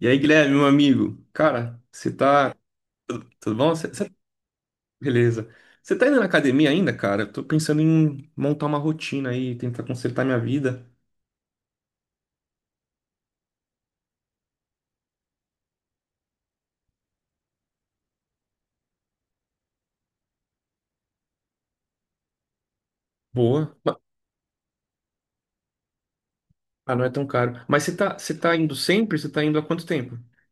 E aí, Guilherme, meu amigo, cara, você tá. Tudo bom? Beleza. Você tá indo na academia ainda, cara? Eu tô pensando em montar uma rotina aí, tentar consertar minha vida. Boa. Ah, não é tão caro. Mas você tá indo sempre? Você tá indo há quanto tempo?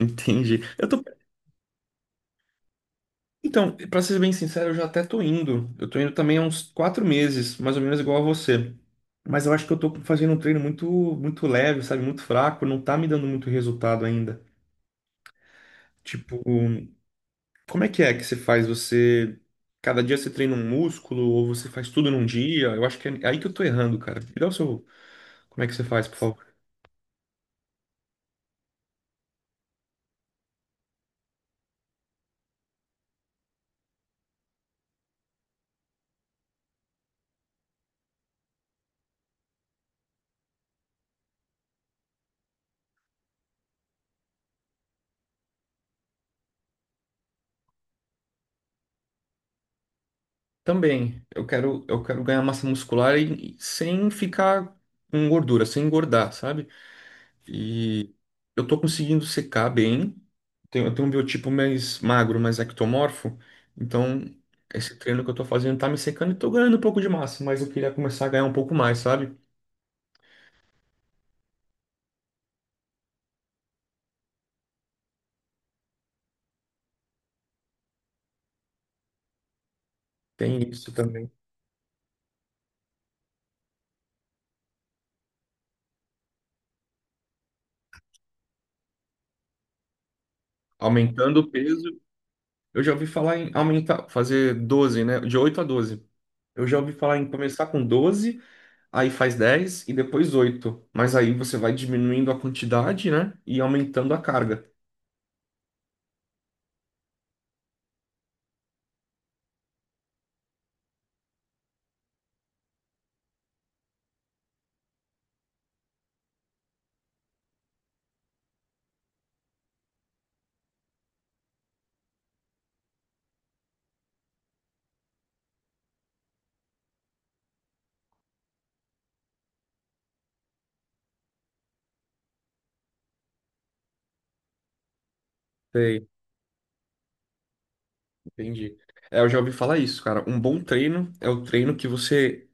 Entendi. Eu tô. Então, pra ser bem sincero, eu já até tô indo. Eu tô indo também há uns 4 meses, mais ou menos igual a você. Mas eu acho que eu tô fazendo um treino muito, muito leve, sabe? Muito fraco, não tá me dando muito resultado ainda. Tipo. Como é que você faz? Você. Cada dia você treina um músculo ou você faz tudo num dia? Eu acho que é aí que eu tô errando, cara. Me dá o seu. Como é que você faz, por favor? Também, eu quero ganhar massa muscular e sem ficar com gordura, sem engordar, sabe? E eu tô conseguindo secar bem. Eu tenho um biotipo mais magro, mais ectomorfo. Então, esse treino que eu tô fazendo tá me secando e tô ganhando um pouco de massa, mas eu queria começar a ganhar um pouco mais, sabe? Tem isso também. Aumentando o peso. Eu já ouvi falar em aumentar, fazer 12, né? De 8 a 12. Eu já ouvi falar em começar com 12, aí faz 10 e depois 8. Mas aí você vai diminuindo a quantidade, né? E aumentando a carga. Sei, entendi. É, eu já ouvi falar isso, cara. Um bom treino é o treino que você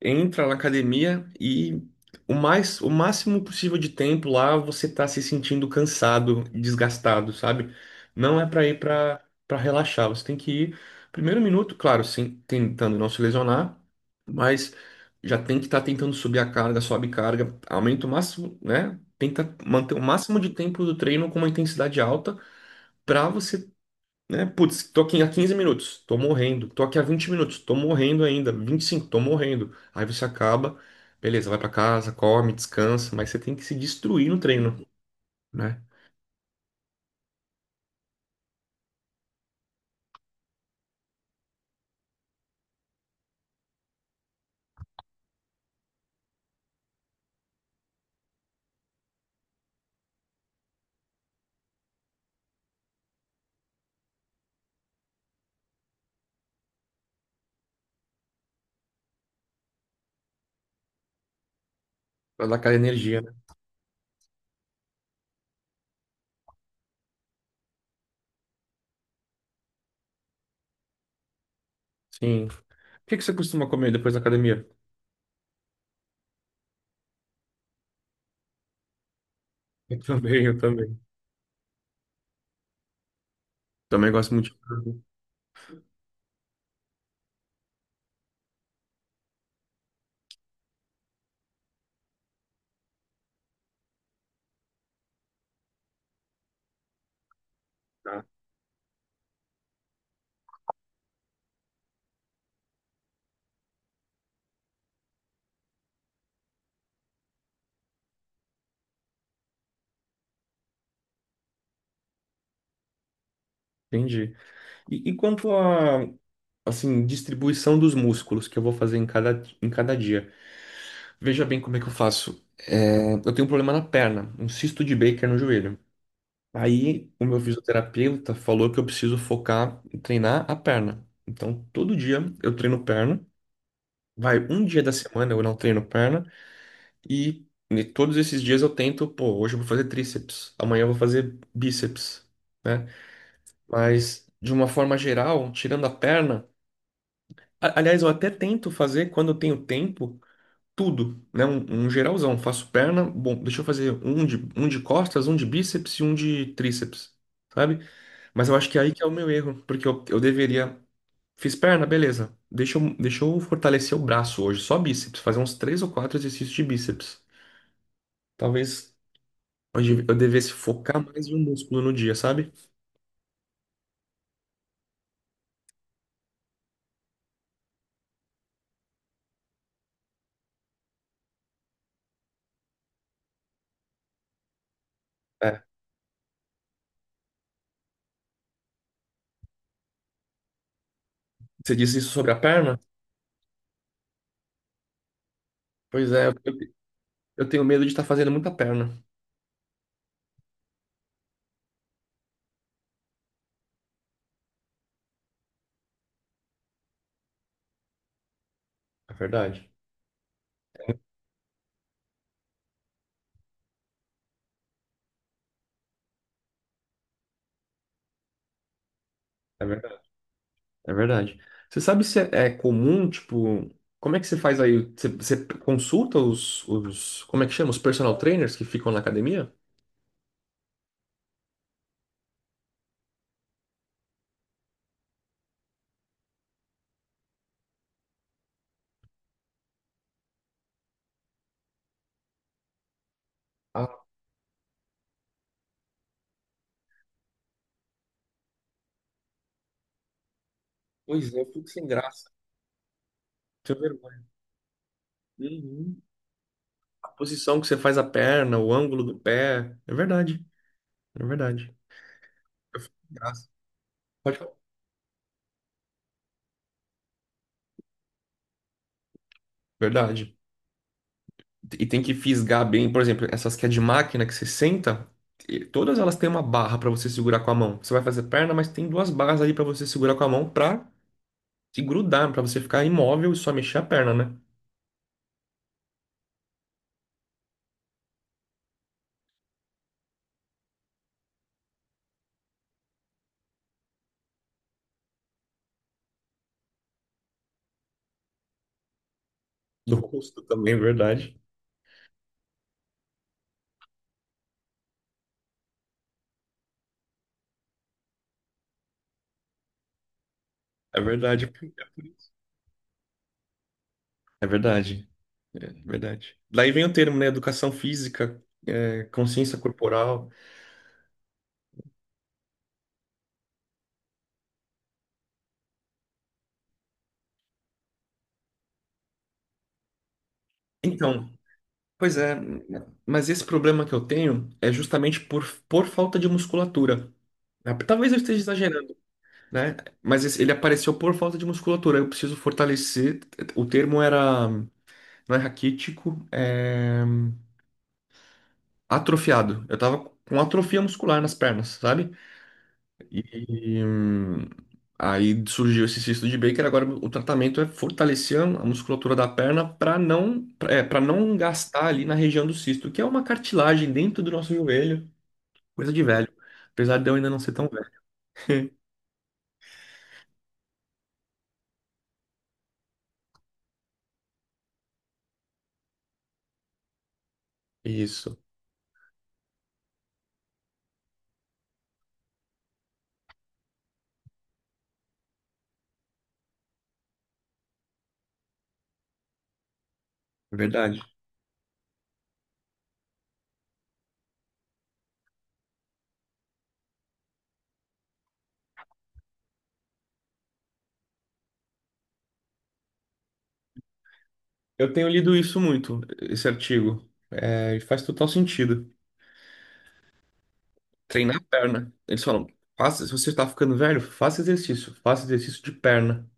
entra na academia e o máximo possível de tempo lá você tá se sentindo cansado, desgastado, sabe? Não é para ir para relaxar, você tem que ir primeiro minuto, claro, sim, tentando não se lesionar, mas já tem que estar tentando subir a carga, sobe carga, aumenta o máximo, né? Tenta manter o máximo de tempo do treino com uma intensidade alta para você, né? Putz, tô aqui há 15 minutos, tô morrendo. Tô aqui há 20 minutos, tô morrendo ainda. 25, tô morrendo. Aí você acaba, beleza, vai pra casa, come, descansa, mas você tem que se destruir no treino, né? Pra dar aquela energia, né? Sim. O que que você costuma comer depois da academia? Eu também, eu também. Também gosto muito de carbo. Tá, entendi. E quanto à, assim, distribuição dos músculos que eu vou fazer em cada dia? Veja bem como é que eu faço. É, eu tenho um problema na perna, um cisto de Baker no joelho. Aí o meu fisioterapeuta falou que eu preciso focar em treinar a perna. Então todo dia eu treino perna. Vai um dia da semana eu não treino perna e todos esses dias eu tento, pô, hoje eu vou fazer tríceps, amanhã eu vou fazer bíceps, né? Mas de uma forma geral, tirando a perna, aliás, eu até tento fazer quando eu tenho tempo tudo, né? Um geralzão, faço perna, bom, deixa eu fazer um de costas, um de bíceps e um de tríceps, sabe? Mas eu acho que é aí que é o meu erro, porque eu deveria. Fiz perna, beleza. Deixa eu fortalecer o braço hoje, só bíceps, fazer uns três ou quatro exercícios de bíceps. Talvez hoje eu devesse focar mais em um músculo no dia, sabe? É. Você disse isso sobre a perna? Pois é, eu tenho medo de estar fazendo muita perna. É verdade. É verdade. É verdade. Você sabe se é comum, tipo, como é que você faz aí? Você consulta como é que chama? Os personal trainers que ficam na academia? Ah, pois é, eu fico sem graça. Tenho vergonha. Uhum. A posição que você faz a perna, o ângulo do pé. É verdade. É verdade. Eu fico sem graça. Pode falar. Verdade. E tem que fisgar bem, por exemplo, essas que é de máquina que você senta, e todas elas têm uma barra para você segurar com a mão. Você vai fazer perna, mas tem duas barras ali para você segurar com a mão para se grudar, para você ficar imóvel e só mexer a perna, né? Do rosto também, é verdade. É verdade. É verdade, é verdade. Daí vem o termo, né? Educação física, é, consciência corporal. Então, pois é, mas esse problema que eu tenho é justamente por falta de musculatura. Ah, talvez eu esteja exagerando, né? Mas ele apareceu por falta de musculatura. Eu preciso fortalecer. O termo era, não é raquítico, é atrofiado. Eu tava com atrofia muscular nas pernas, sabe? E, aí surgiu esse cisto de Baker. Agora o tratamento é fortalecer a musculatura da perna para não gastar ali na região do cisto, que é uma cartilagem dentro do nosso joelho. Coisa de velho. Apesar de eu ainda não ser tão velho. Isso, verdade. Eu tenho lido isso muito, esse artigo. É, e faz total sentido. Treinar a perna. Eles falam, faça, se você está ficando velho, faça exercício. Faça exercício de perna.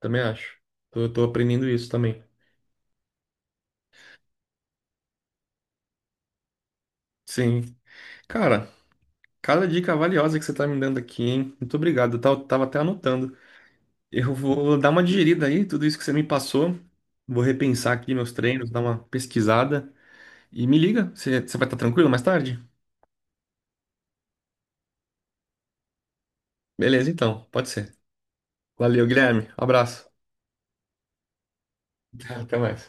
Também acho. Eu tô aprendendo isso também. Sim. Cara, cada dica valiosa que você tá me dando aqui, hein? Muito obrigado. Eu tava até anotando. Eu vou dar uma digerida aí, tudo isso que você me passou. Vou repensar aqui meus treinos, dar uma pesquisada. E me liga, você vai estar tranquilo mais tarde? Beleza, então, pode ser. Valeu, Guilherme. Um abraço. Até mais.